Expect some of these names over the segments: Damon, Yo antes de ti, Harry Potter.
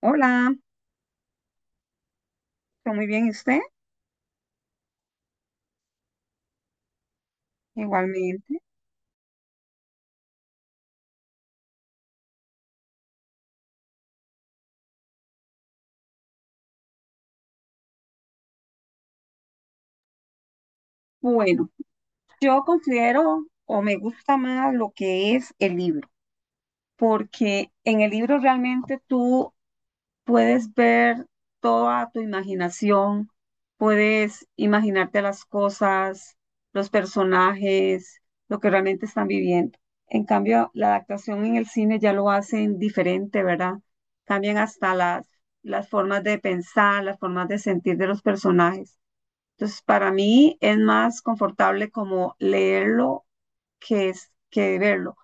Hola, estoy muy bien, ¿y usted? Igualmente. Bueno, yo considero o me gusta más lo que es el libro, porque en el libro realmente tú puedes ver toda tu imaginación, puedes imaginarte las cosas, los personajes, lo que realmente están viviendo. En cambio, la adaptación en el cine ya lo hacen diferente, ¿verdad? Cambian hasta las formas de pensar, las formas de sentir de los personajes. Entonces, para mí es más confortable como leerlo que verlo.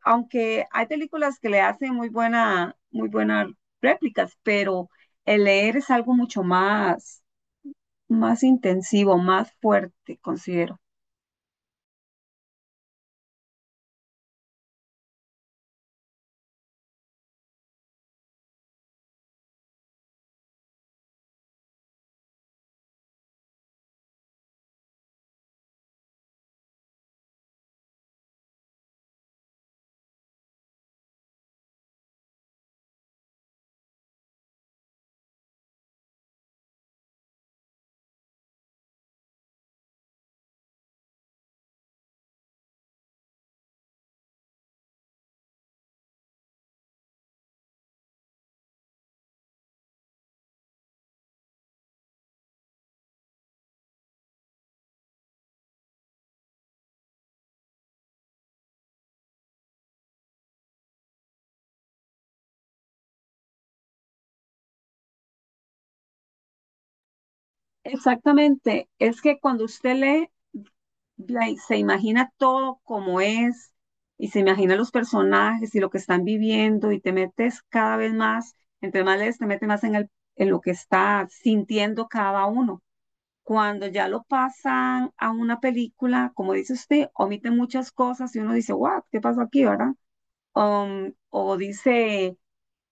Aunque hay películas que le hacen muy buena, muy buenas réplicas, pero el leer es algo mucho más, más intensivo, más fuerte, considero. Exactamente, es que cuando usted lee de ahí se imagina todo como es y se imagina los personajes y lo que están viviendo y te metes cada vez más, entre más lees, te metes más en en lo que está sintiendo cada uno. Cuando ya lo pasan a una película, como dice usted, omiten muchas cosas y uno dice, what, ¿qué pasó aquí, verdad? O dice,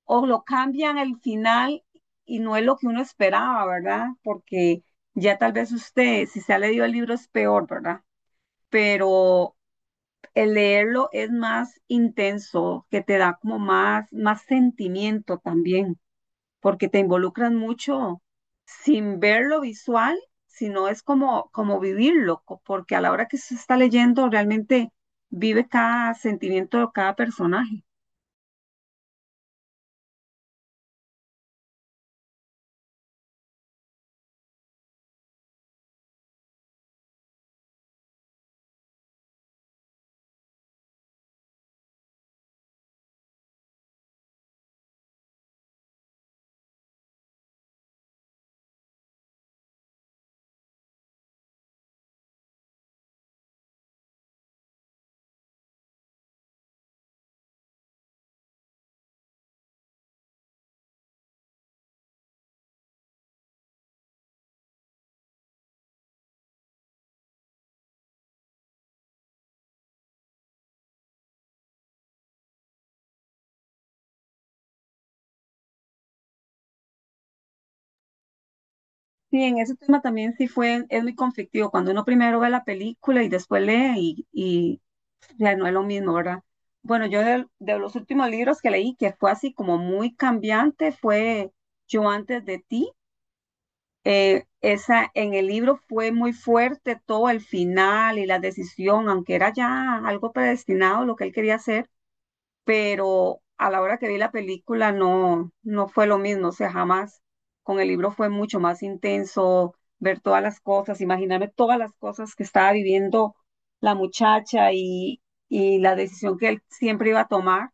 o lo cambian el final y no es lo que uno esperaba, ¿verdad? Porque ya tal vez usted, si se ha leído el libro, es peor, ¿verdad? Pero el leerlo es más intenso, que te da como más, más sentimiento también, porque te involucran mucho sin ver lo visual, sino es como, como vivirlo, porque a la hora que se está leyendo realmente vive cada sentimiento de cada personaje. Sí, en ese tema también sí fue, es muy conflictivo, cuando uno primero ve la película y después lee y, sea, no es lo mismo, ¿verdad? Bueno, yo de los últimos libros que leí, que fue así como muy cambiante, fue Yo antes de ti. Esa, en el libro fue muy fuerte todo el final y la decisión, aunque era ya algo predestinado lo que él quería hacer, pero a la hora que vi la película no, no fue lo mismo, o sea, jamás. Con el libro fue mucho más intenso ver todas las cosas, imaginarme todas las cosas que estaba viviendo la muchacha y la decisión que él siempre iba a tomar.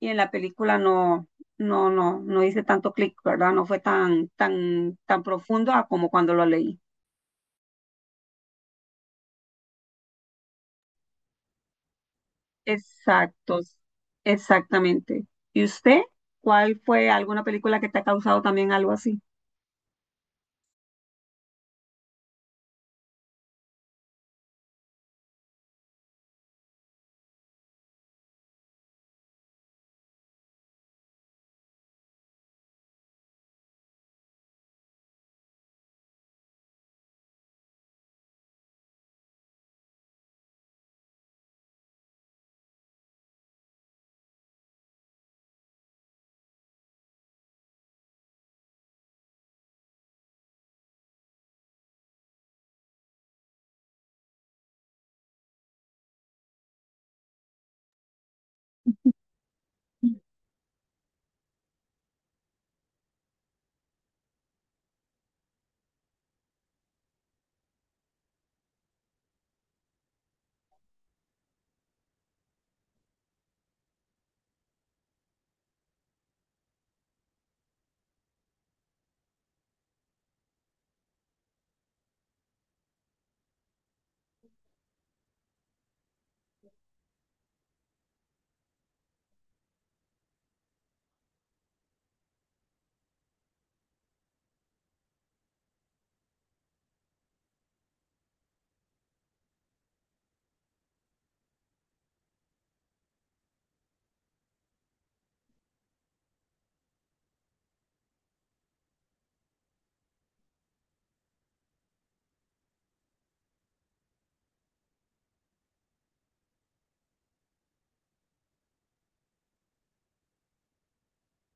Y en la película no, no, no, no hice tanto clic, ¿verdad? No fue tan, tan, tan profundo a como cuando lo leí. Exactos, exactamente. ¿Y usted? ¿Cuál fue alguna película que te ha causado también algo así?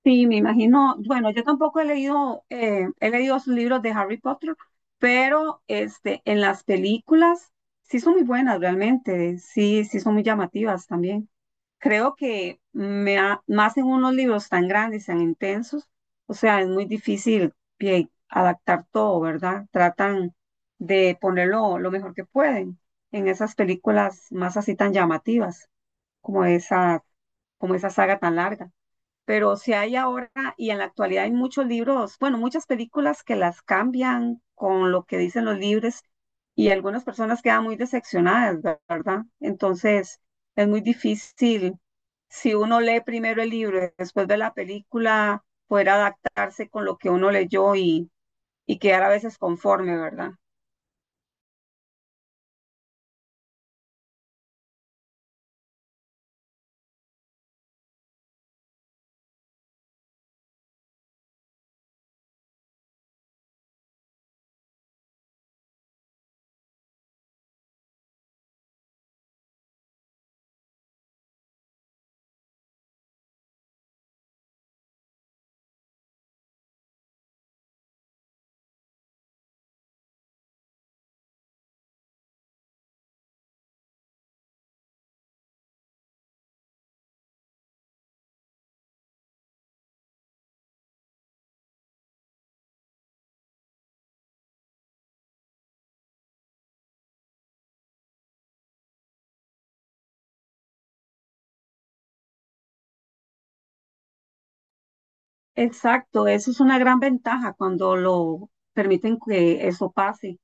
Sí, me imagino. Bueno, yo tampoco he leído, he leído sus libros de Harry Potter, pero este, en las películas sí son muy buenas realmente, sí, sí son muy llamativas también. Creo que más en unos libros tan grandes, tan intensos, o sea, es muy difícil adaptar todo, ¿verdad? Tratan de ponerlo lo mejor que pueden en esas películas más así tan llamativas, como esa, como esa saga tan larga, pero si hay ahora y en la actualidad hay muchos libros, bueno, muchas películas que las cambian con lo que dicen los libros y algunas personas quedan muy decepcionadas, ¿verdad? Entonces es muy difícil si uno lee primero el libro y después ve la película, poder adaptarse con lo que uno leyó y quedar a veces conforme, ¿verdad? Exacto, eso es una gran ventaja cuando lo permiten que eso pase.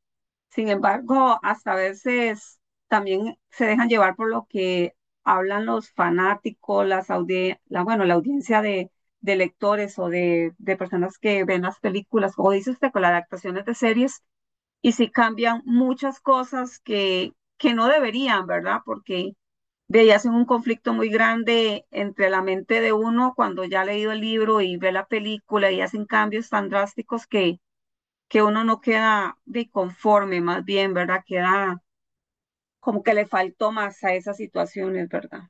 Sin embargo, hasta a veces también se dejan llevar por lo que hablan los fanáticos, bueno, la audiencia de lectores o de personas que ven las películas, como dice usted, con las adaptaciones de series, y si cambian muchas cosas que no deberían, ¿verdad? Porque de ahí hacen un conflicto muy grande entre la mente de uno cuando ya ha leído el libro y ve la película y hacen cambios tan drásticos que uno no queda de conforme, más bien, ¿verdad? Queda como que le faltó más a esas situaciones, ¿verdad?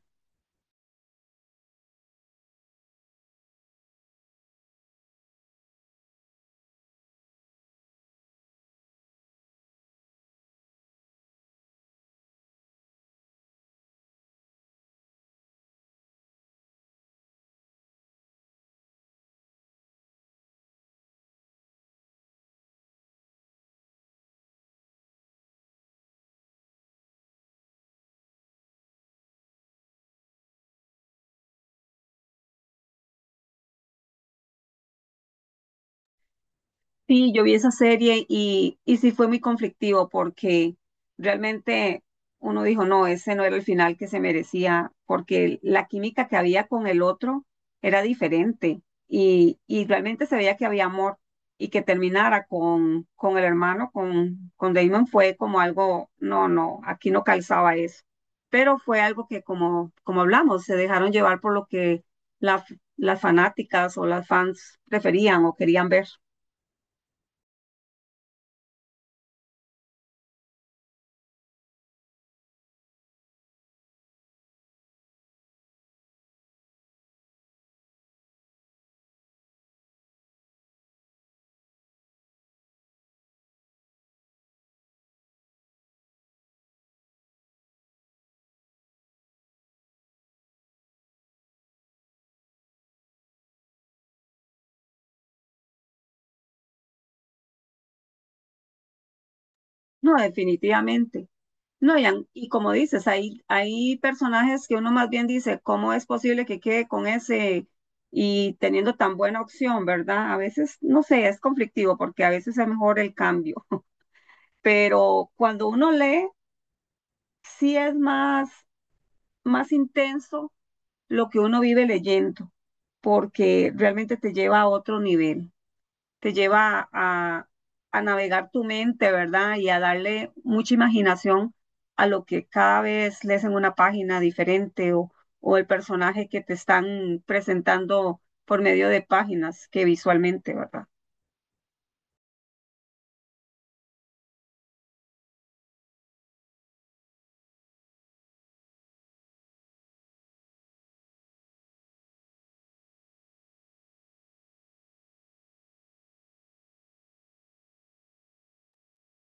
Sí, yo vi esa serie y sí fue muy conflictivo porque realmente uno dijo, no, ese no era el final que se merecía, porque la química que había con el otro era diferente y realmente se veía que había amor y que terminara con el hermano, con Damon fue como algo, no, no, aquí no calzaba eso, pero fue algo que como, como hablamos, se dejaron llevar por lo que la- las fanáticas o las fans preferían o querían ver. No, definitivamente. No, y como dices, hay personajes que uno más bien dice, ¿cómo es posible que quede con ese y teniendo tan buena opción, verdad? A veces, no sé, es conflictivo porque a veces es mejor el cambio, pero cuando uno lee, sí es más, más intenso lo que uno vive leyendo, porque realmente te lleva a otro nivel. Te lleva a navegar tu mente, ¿verdad? Y a darle mucha imaginación a lo que cada vez lees en una página diferente o el personaje que te están presentando por medio de páginas que visualmente, ¿verdad?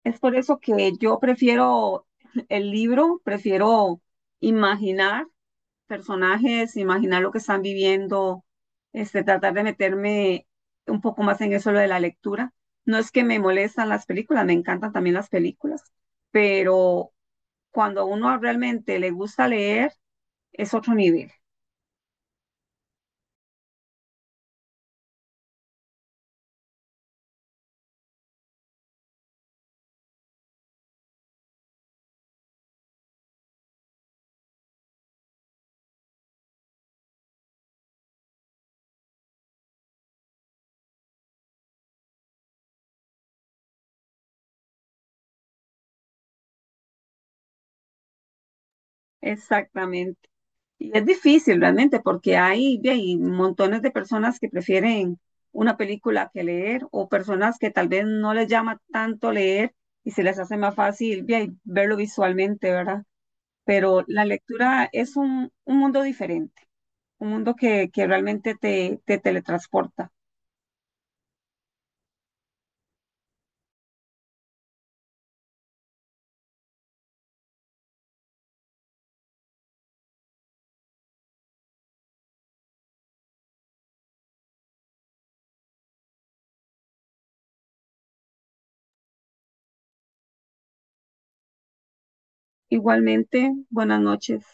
Es por eso que yo prefiero el libro, prefiero imaginar personajes, imaginar lo que están viviendo, este, tratar de meterme un poco más en eso lo de la lectura. No es que me molestan las películas, me encantan también las películas, pero cuando a uno realmente le gusta leer, es otro nivel. Exactamente. Y es difícil realmente porque hay, ve, hay montones de personas que prefieren una película que leer o personas que tal vez no les llama tanto leer y se les hace más fácil ve, ahí, verlo visualmente, ¿verdad? Pero la lectura es un mundo diferente, un mundo que realmente te, te teletransporta. Igualmente, buenas noches.